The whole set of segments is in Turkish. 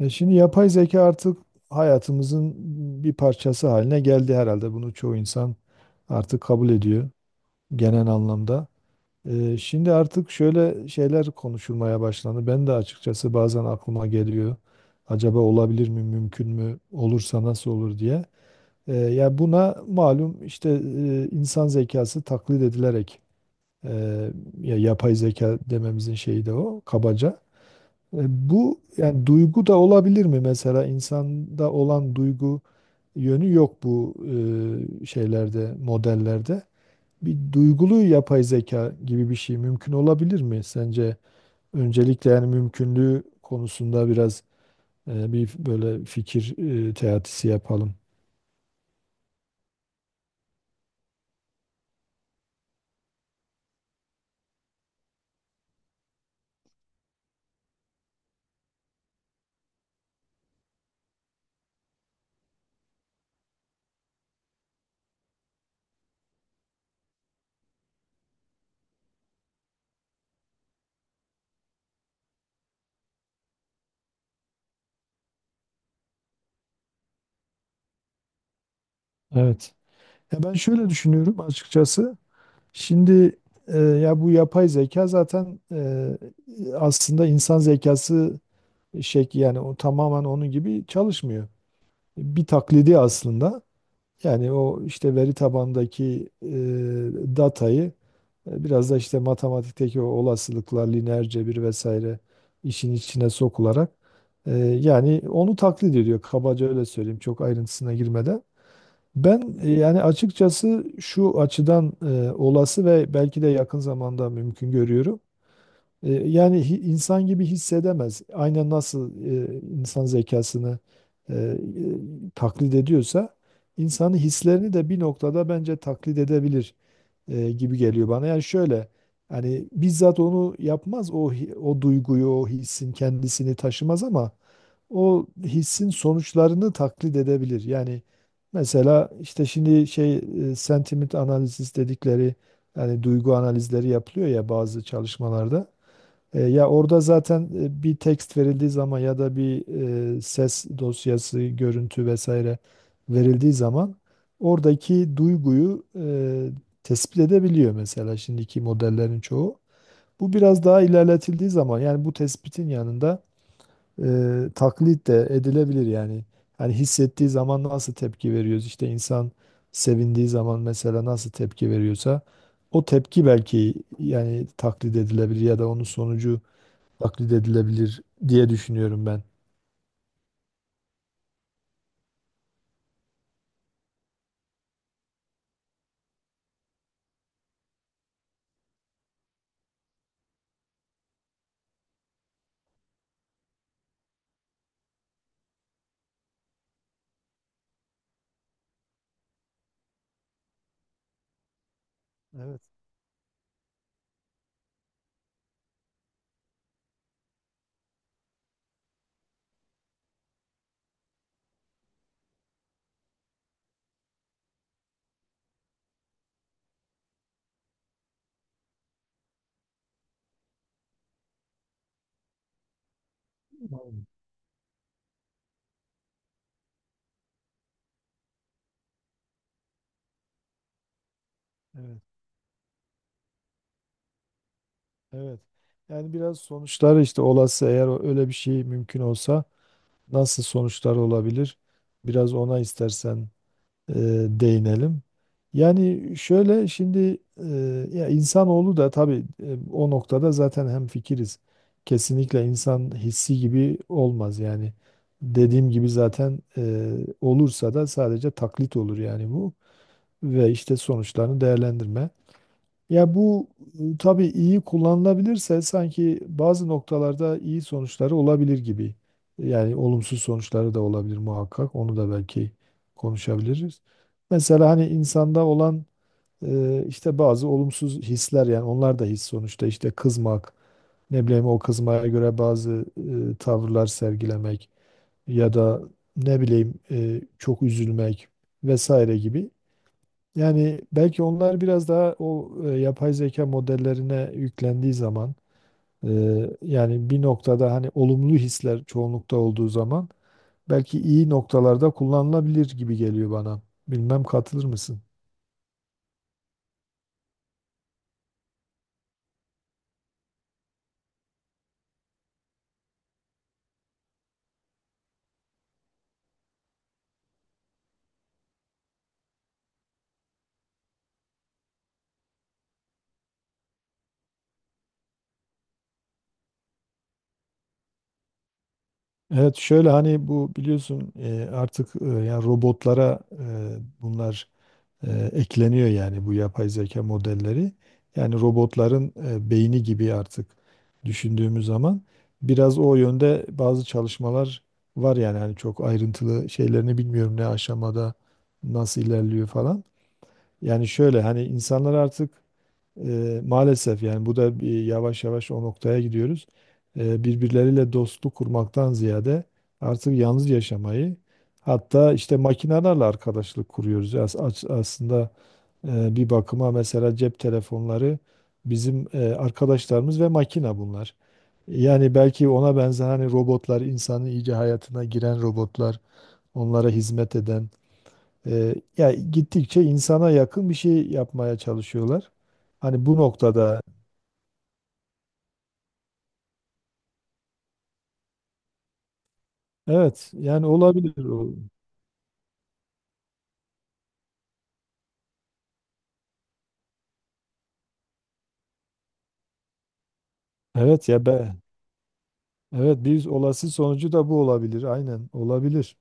Şimdi yapay zeka artık hayatımızın bir parçası haline geldi herhalde. Bunu çoğu insan artık kabul ediyor genel anlamda. Şimdi artık şöyle şeyler konuşulmaya başlandı. Ben de açıkçası bazen aklıma geliyor. Acaba olabilir mi, mümkün mü, olursa nasıl olur diye. Ya buna malum işte, insan zekası taklit edilerek, e, ya yapay zeka dememizin şeyi de o kabaca. E, Bu yani duygu da olabilir mi mesela insanda olan duygu yönü yok bu şeylerde, modellerde. Bir duygulu yapay zeka gibi bir şey mümkün olabilir mi sence? Öncelikle yani mümkünlüğü konusunda biraz bir böyle fikir teatisi yapalım. Evet. Ya ben şöyle düşünüyorum açıkçası. Şimdi ya bu yapay zeka zaten, aslında insan zekası, yani o tamamen onun gibi çalışmıyor. Bir taklidi aslında. Yani o işte veri tabandaki datayı, biraz da işte matematikteki o olasılıklar, lineer cebir vesaire işin içine sokularak, yani onu taklit ediyor. Kabaca öyle söyleyeyim, çok ayrıntısına girmeden. Ben yani açıkçası şu açıdan olası ve belki de yakın zamanda mümkün görüyorum. Yani insan gibi hissedemez. Aynen nasıl insan zekasını e, e, taklit ediyorsa, insanın hislerini de bir noktada bence taklit edebilir gibi geliyor bana. Yani şöyle, hani bizzat onu yapmaz o o duyguyu, o hissin kendisini taşımaz ama o hissin sonuçlarını taklit edebilir. Yani mesela işte şimdi sentiment analizi dedikleri, yani duygu analizleri yapılıyor ya bazı çalışmalarda. Ya orada zaten bir tekst verildiği zaman ya da bir ses dosyası, görüntü vesaire verildiği zaman, oradaki duyguyu tespit edebiliyor mesela şimdiki modellerin çoğu. Bu biraz daha ilerletildiği zaman yani bu tespitin yanında e, taklit de edilebilir yani. Hani hissettiği zaman nasıl tepki veriyoruz? İşte insan sevindiği zaman mesela nasıl tepki veriyorsa, o tepki belki yani taklit edilebilir ya da onun sonucu taklit edilebilir diye düşünüyorum ben. Evet. Umarım. Evet. Evet. Yani biraz sonuçlar işte, olası eğer öyle bir şey mümkün olsa nasıl sonuçlar olabilir? Biraz ona istersen e, değinelim. Yani şöyle şimdi, ya insanoğlu da tabii o noktada zaten hemfikiriz. Kesinlikle insan hissi gibi olmaz yani. Dediğim gibi zaten, olursa da sadece taklit olur yani bu. Ve işte sonuçlarını değerlendirme. Ya bu tabii iyi kullanılabilirse sanki bazı noktalarda iyi sonuçları olabilir gibi. Yani olumsuz sonuçları da olabilir muhakkak. Onu da belki konuşabiliriz. Mesela hani insanda olan işte bazı olumsuz hisler, yani onlar da his sonuçta, işte kızmak, ne bileyim o kızmaya göre bazı tavırlar sergilemek, ya da ne bileyim, çok üzülmek vesaire gibi, yani belki onlar biraz daha o yapay zeka modellerine yüklendiği zaman, e, yani bir noktada hani olumlu hisler çoğunlukta olduğu zaman, belki iyi noktalarda kullanılabilir gibi geliyor bana. Bilmem, katılır mısın? Evet, şöyle hani bu biliyorsun artık, yani robotlara bunlar ekleniyor, yani bu yapay zeka modelleri. Yani robotların beyni gibi artık düşündüğümüz zaman, biraz o yönde bazı çalışmalar var, yani hani çok ayrıntılı şeylerini bilmiyorum, ne aşamada nasıl ilerliyor falan. Yani şöyle, hani insanlar artık, maalesef yani bu da bir, yavaş yavaş o noktaya gidiyoruz. Birbirleriyle dostluk kurmaktan ziyade artık yalnız yaşamayı, hatta işte makinelerle arkadaşlık kuruyoruz. Aslında bir bakıma mesela cep telefonları bizim arkadaşlarımız, ve makina bunlar. Yani belki ona benzer, hani robotlar, insanın iyice hayatına giren robotlar, onlara hizmet eden, ya gittikçe insana yakın bir şey yapmaya çalışıyorlar. Hani bu noktada evet, yani olabilir. O. Evet ya be. Evet, bir olası sonucu da bu olabilir. Aynen, olabilir.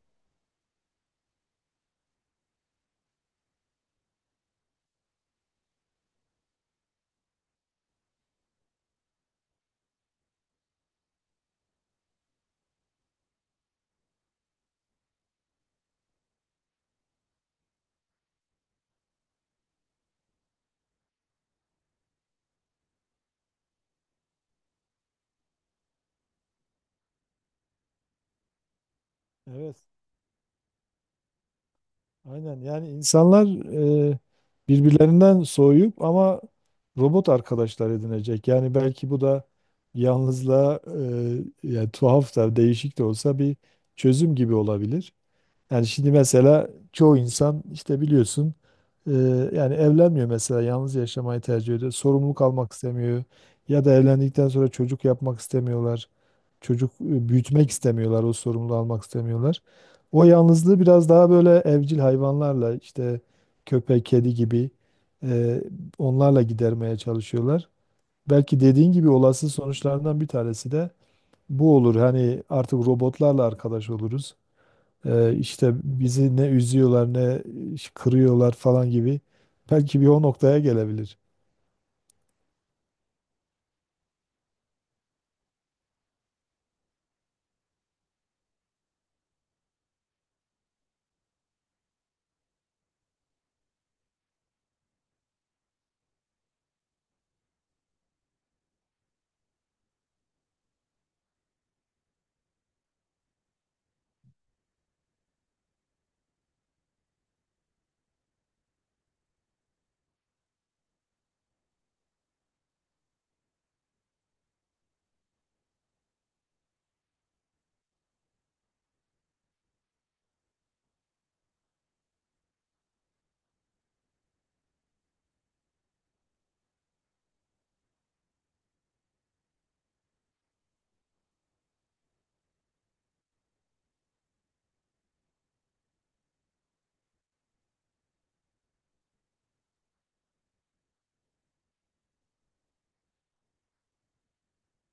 Evet. Aynen, yani insanlar e, birbirlerinden soğuyup ama robot arkadaşlar edinecek. Yani belki bu da yalnızlığa, yani tuhaf da, değişik de olsa, bir çözüm gibi olabilir. Yani şimdi mesela çoğu insan işte biliyorsun, Ee, yani evlenmiyor mesela, yalnız yaşamayı tercih ediyor. Sorumluluk almak istemiyor. Ya da evlendikten sonra çocuk yapmak istemiyorlar. Çocuk büyütmek istemiyorlar. O sorumluluğu almak istemiyorlar. O yalnızlığı biraz daha böyle evcil hayvanlarla, işte köpek, kedi gibi, e, onlarla gidermeye çalışıyorlar. Belki dediğin gibi olası sonuçlarından bir tanesi de bu olur. Hani artık robotlarla arkadaş oluruz. İşte bizi ne üzüyorlar ne kırıyorlar falan gibi. Belki bir o noktaya gelebilir.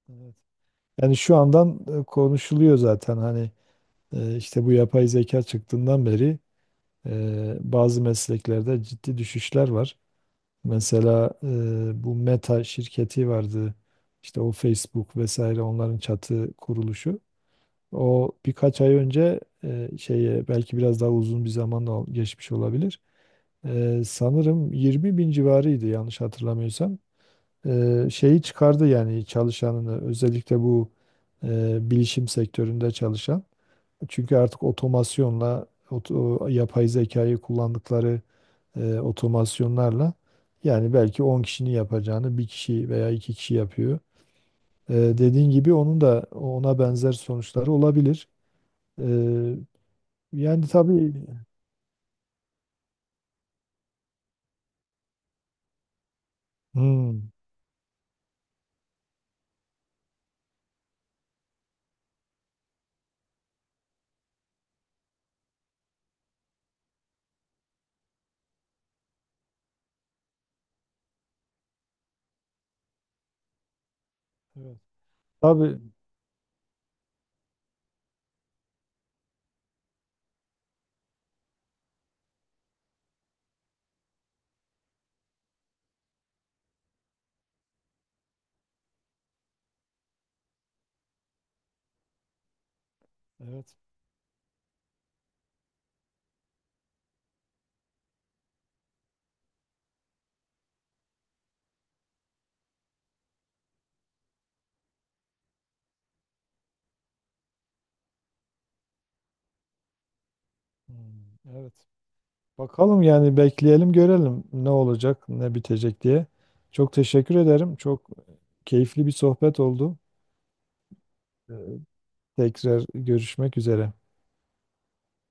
Evet. Yani şu andan konuşuluyor zaten, hani işte bu yapay zeka çıktığından beri bazı mesleklerde ciddi düşüşler var. Mesela bu Meta şirketi vardı. İşte o Facebook vesaire onların çatı kuruluşu. O birkaç ay önce, şeye, belki biraz daha uzun bir zaman da geçmiş olabilir. Sanırım 20 bin civarıydı, yanlış hatırlamıyorsam. Şeyi çıkardı, yani çalışanını, özellikle bu bilişim sektöründe çalışan. Çünkü artık yapay zekayı kullandıkları otomasyonlarla, yani belki 10 kişinin yapacağını bir kişi veya iki kişi yapıyor. Dediğin gibi onun da ona benzer sonuçları olabilir. E, Yani tabii. Hmm, evet. Tabii, evet. Hmm, evet. Bakalım yani, bekleyelim görelim ne olacak, ne bitecek diye. Çok teşekkür ederim. Çok keyifli bir sohbet oldu. Ee, Tekrar görüşmek üzere.